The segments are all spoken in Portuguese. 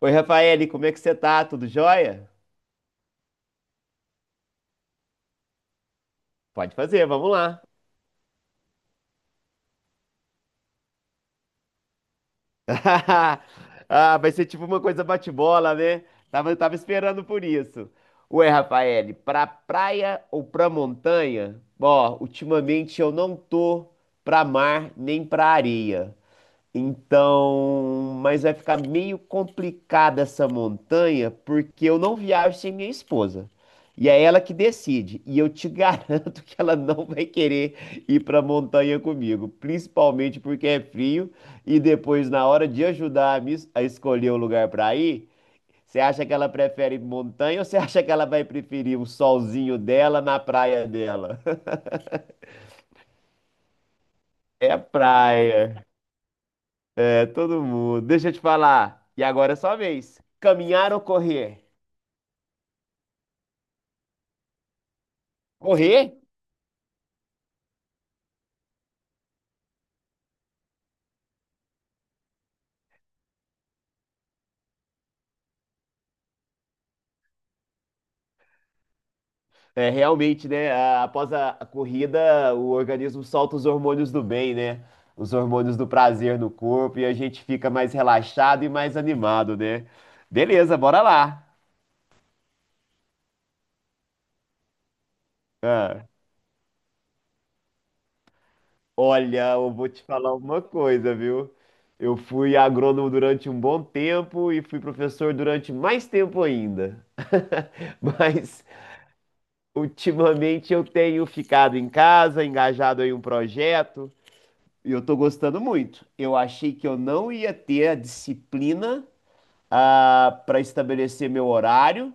Oi, Rafaele, como é que você tá? Tudo jóia? Pode fazer, vamos lá. Ah, vai ser tipo uma coisa bate-bola, né? Tava esperando por isso. Ué, Rafaele, pra praia ou pra montanha? Ó, ultimamente eu não tô pra mar nem pra areia. Então, mas vai ficar meio complicada essa montanha, porque eu não viajo sem minha esposa. E é ela que decide. E eu te garanto que ela não vai querer ir para a montanha comigo, principalmente porque é frio. E depois, na hora de ajudar a a escolher o lugar para ir, você acha que ela prefere montanha ou você acha que ela vai preferir o solzinho dela na praia dela? É praia. É todo mundo. Deixa eu te falar. E agora é sua vez. Caminhar ou correr? Correr? É realmente, né? Após a corrida, o organismo solta os hormônios do bem, né? Os hormônios do prazer no corpo e a gente fica mais relaxado e mais animado, né? Beleza, bora lá. Ah, olha, eu vou te falar uma coisa, viu? Eu fui agrônomo durante um bom tempo e fui professor durante mais tempo ainda. Mas ultimamente eu tenho ficado em casa, engajado em um projeto, e eu tô gostando muito. Eu achei que eu não ia ter a disciplina para estabelecer meu horário,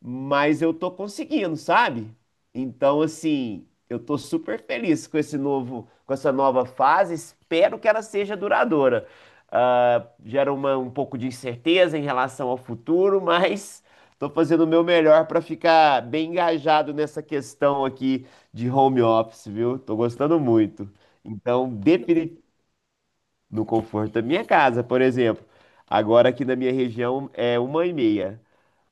mas eu tô conseguindo, sabe? Então, assim, eu tô super feliz com esse novo, com essa nova fase. Espero que ela seja duradoura. Ah, gera um pouco de incerteza em relação ao futuro, mas tô fazendo o meu melhor para ficar bem engajado nessa questão aqui de home office, viu? Tô gostando muito. Então, no conforto da minha casa, por exemplo. Agora aqui na minha região é 1:30.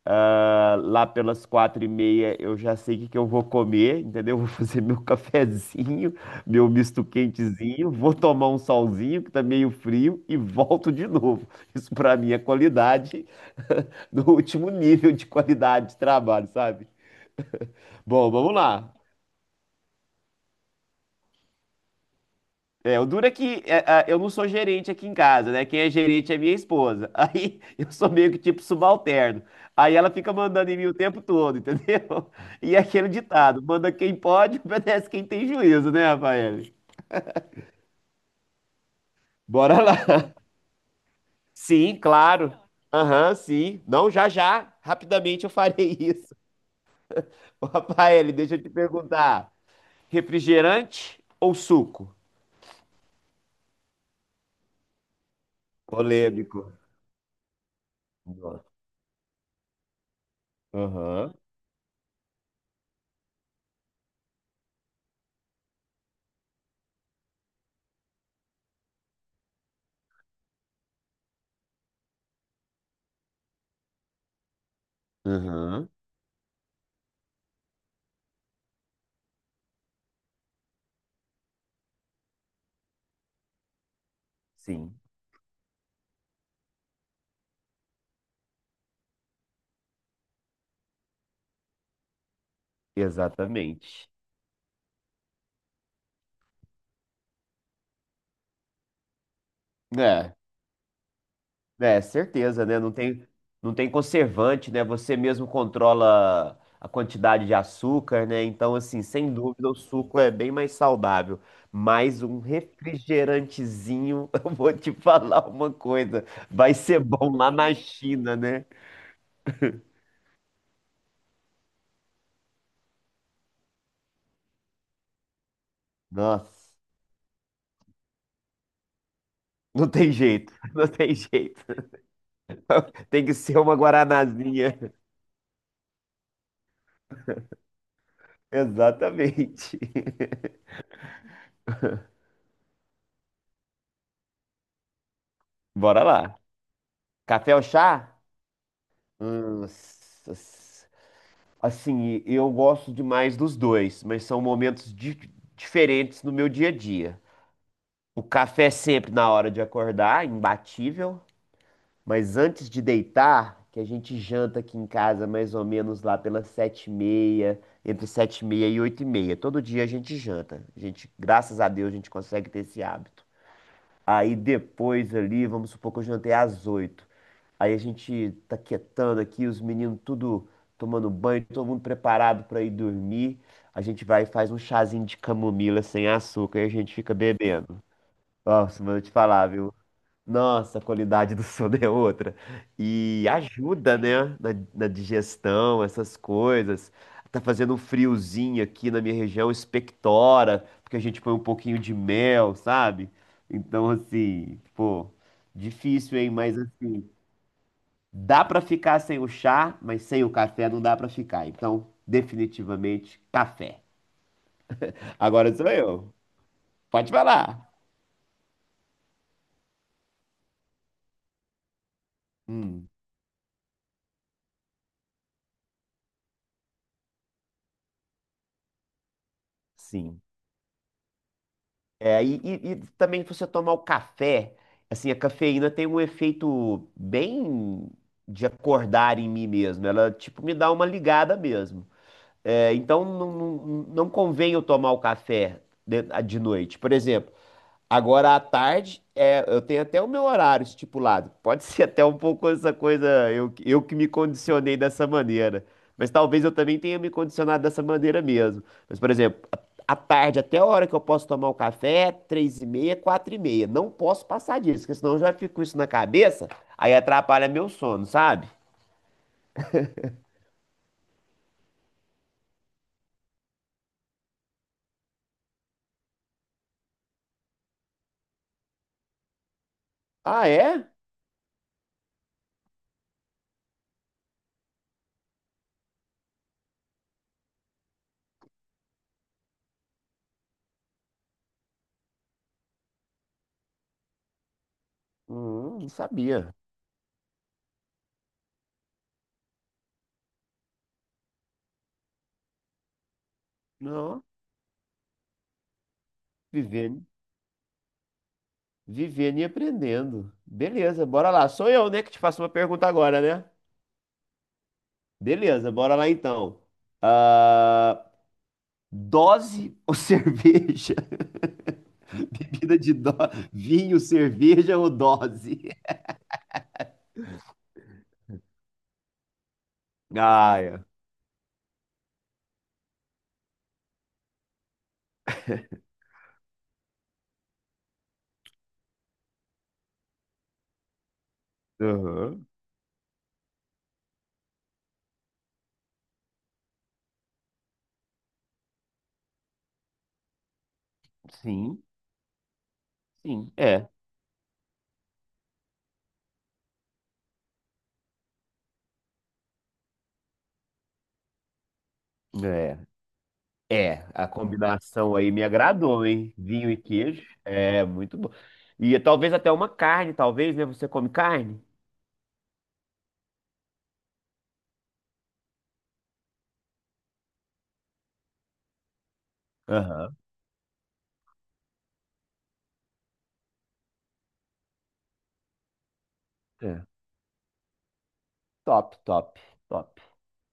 Ah, lá pelas 4:30 eu já sei o que que eu vou comer, entendeu? Vou fazer meu cafezinho, meu misto quentezinho, vou tomar um solzinho que tá meio frio e volto de novo. Isso pra mim é qualidade no último nível de qualidade de trabalho, sabe? Bom, vamos lá. É, o duro é que eu não sou gerente aqui em casa, né? Quem é gerente é minha esposa. Aí eu sou meio que tipo subalterno. Aí ela fica mandando em mim o tempo todo, entendeu? E é aquele ditado: manda quem pode, obedece quem tem juízo, né, Rafael? Bora lá. Sim, claro. Aham, sim. Não, já já. Rapidamente eu farei isso. Ô, Rafael, deixa eu te perguntar: refrigerante ou suco? Polêmico. Aham. Aham. Sim, exatamente. É, certeza, né? Não tem conservante, né? Você mesmo controla a quantidade de açúcar, né? Então, assim, sem dúvida, o suco é bem mais saudável. Mas um refrigerantezinho, eu vou te falar uma coisa, vai ser bom lá na China, né? Nossa, não tem jeito, não tem jeito. Tem que ser uma guaranazinha. Exatamente. Bora lá. Café ou chá? Hum, s- s- Assim, eu gosto demais dos dois, mas são momentos diferentes no meu dia a dia. O café é sempre na hora de acordar, imbatível, mas antes de deitar, que a gente janta aqui em casa mais ou menos lá pelas 7:30, entre 7:30 e 8:30. Todo dia a gente janta. A gente, graças a Deus, a gente consegue ter esse hábito. Aí depois ali, vamos supor que eu jantei às 8h. Aí a gente tá quietando aqui, os meninos tudo tomando banho, todo mundo preparado pra ir dormir. A gente vai e faz um chazinho de camomila sem açúcar e a gente fica bebendo. Nossa, mas eu te falar, viu? Nossa, a qualidade do sono é outra. E ajuda, né? Na digestão, essas coisas. Tá fazendo um friozinho aqui na minha região, expectora, porque a gente põe um pouquinho de mel, sabe? Então, assim, pô, difícil, hein? Mas assim. Dá para ficar sem o chá, mas sem o café não dá para ficar. Então, definitivamente, café. Agora sou eu. Pode falar. Hum, sim. É, e também você tomar o café, assim, a cafeína tem um efeito bem de acordar em mim mesmo. Ela, tipo, me dá uma ligada mesmo. É, então, não convém eu tomar o café de noite. Por exemplo, agora à tarde, é, eu tenho até o meu horário estipulado. Pode ser até um pouco essa coisa, eu que me condicionei dessa maneira. Mas talvez eu também tenha me condicionado dessa maneira mesmo. Mas, por exemplo, à tarde, até a hora que eu posso tomar o café, 3:30, 4:30. Não posso passar disso, porque senão eu já fico com isso na cabeça, aí atrapalha meu sono, sabe? Ah, é? Não sabia. Não, vivendo, vivendo e aprendendo. Beleza, bora lá. Sou eu, né, que te faço uma pergunta agora, né? Beleza, bora lá então. Ah, dose ou cerveja? Bebida de do... Vinho, cerveja ou dose? Ah, é. Aham. Sim, sim. É, é. É, a combinação aí me agradou, hein? Vinho e queijo. É, muito bom. E talvez até uma carne, talvez, né? Você come carne? Aham. É. Top, top, top.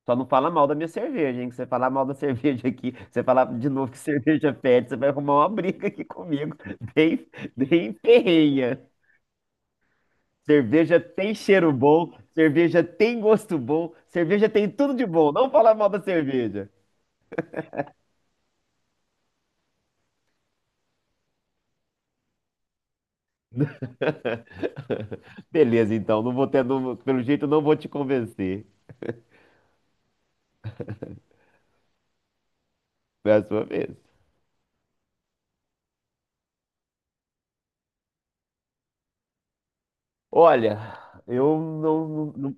Só não fala mal da minha cerveja, hein? Que você falar mal da cerveja aqui, você falar de novo que cerveja pede, você vai arrumar uma briga aqui comigo. Bem, bem ferrenha. Cerveja tem cheiro bom, cerveja tem gosto bom, cerveja tem tudo de bom. Não fala mal da cerveja. Beleza, então. Não vou ter, não- Pelo jeito, não vou te convencer. É a sua vez. Olha, eu não, não,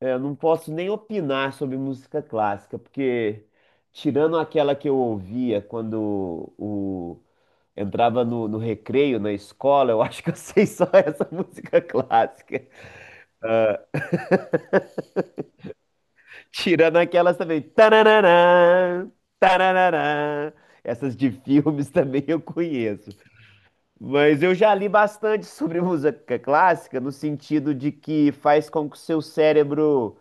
é, eu não posso nem opinar sobre música clássica, porque tirando aquela que eu ouvia quando entrava no recreio na escola, eu acho que eu sei só essa música clássica. Tirando aquelas também. Tarararã, tarararã. Essas de filmes também eu conheço. Mas eu já li bastante sobre música clássica, no sentido de que faz com que o seu cérebro.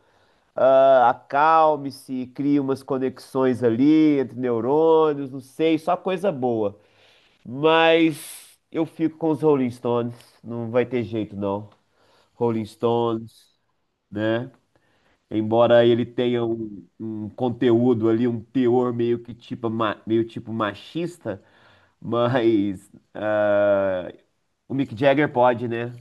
Ah, acalme-se, crie umas conexões ali entre neurônios, não sei, só coisa boa. Mas eu fico com os Rolling Stones, não vai ter jeito não. Rolling Stones, né? Embora ele tenha um conteúdo ali, um teor meio que tipo, meio tipo machista, mas ah, o Mick Jagger pode, né?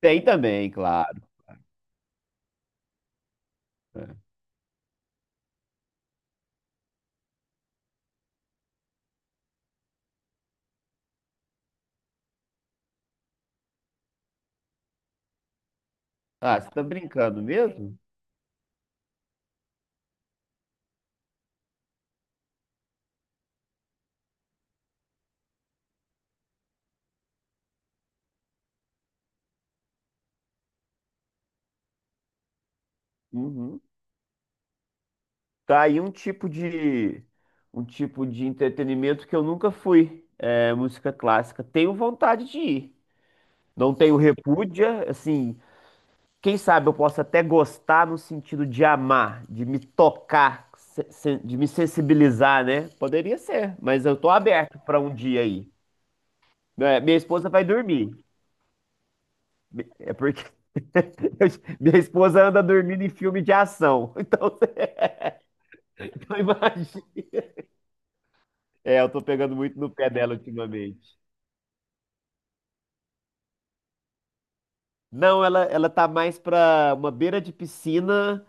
Tem também, claro. Ah, você tá brincando mesmo? Uhum. Tá aí um tipo de entretenimento que eu nunca fui, é, música clássica. Tenho vontade de ir. Não tenho repúdia, assim, quem sabe eu posso até gostar no sentido de amar, de me tocar, de me sensibilizar, né? Poderia ser, mas eu tô aberto para um dia aí. É, minha esposa vai dormir. É porque minha esposa anda dormindo em filme de ação. Então você não imagina. É, eu tô pegando muito no pé dela ultimamente. Não, ela tá mais pra uma beira de piscina.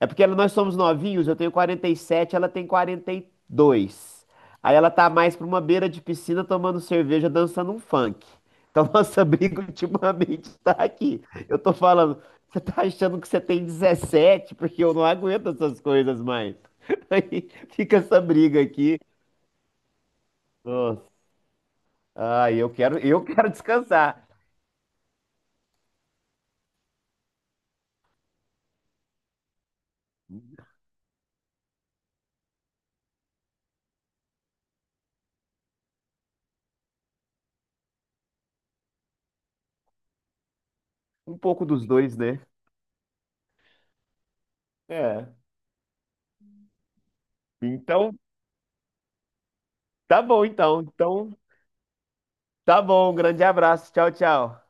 É porque ela- nós somos novinhos, eu tenho 47, ela tem 42. Aí ela tá mais pra uma beira de piscina tomando cerveja, dançando um funk. Então nossa briga ultimamente tá aqui. Eu tô falando, você tá achando que você tem 17? Porque eu não aguento essas coisas mais. Aí fica essa briga aqui. Nossa. Ai, eu quero descansar. Um pouco dos dois, né? É. Então. Tá bom, então. Então, tá bom. Um grande abraço. Tchau, tchau.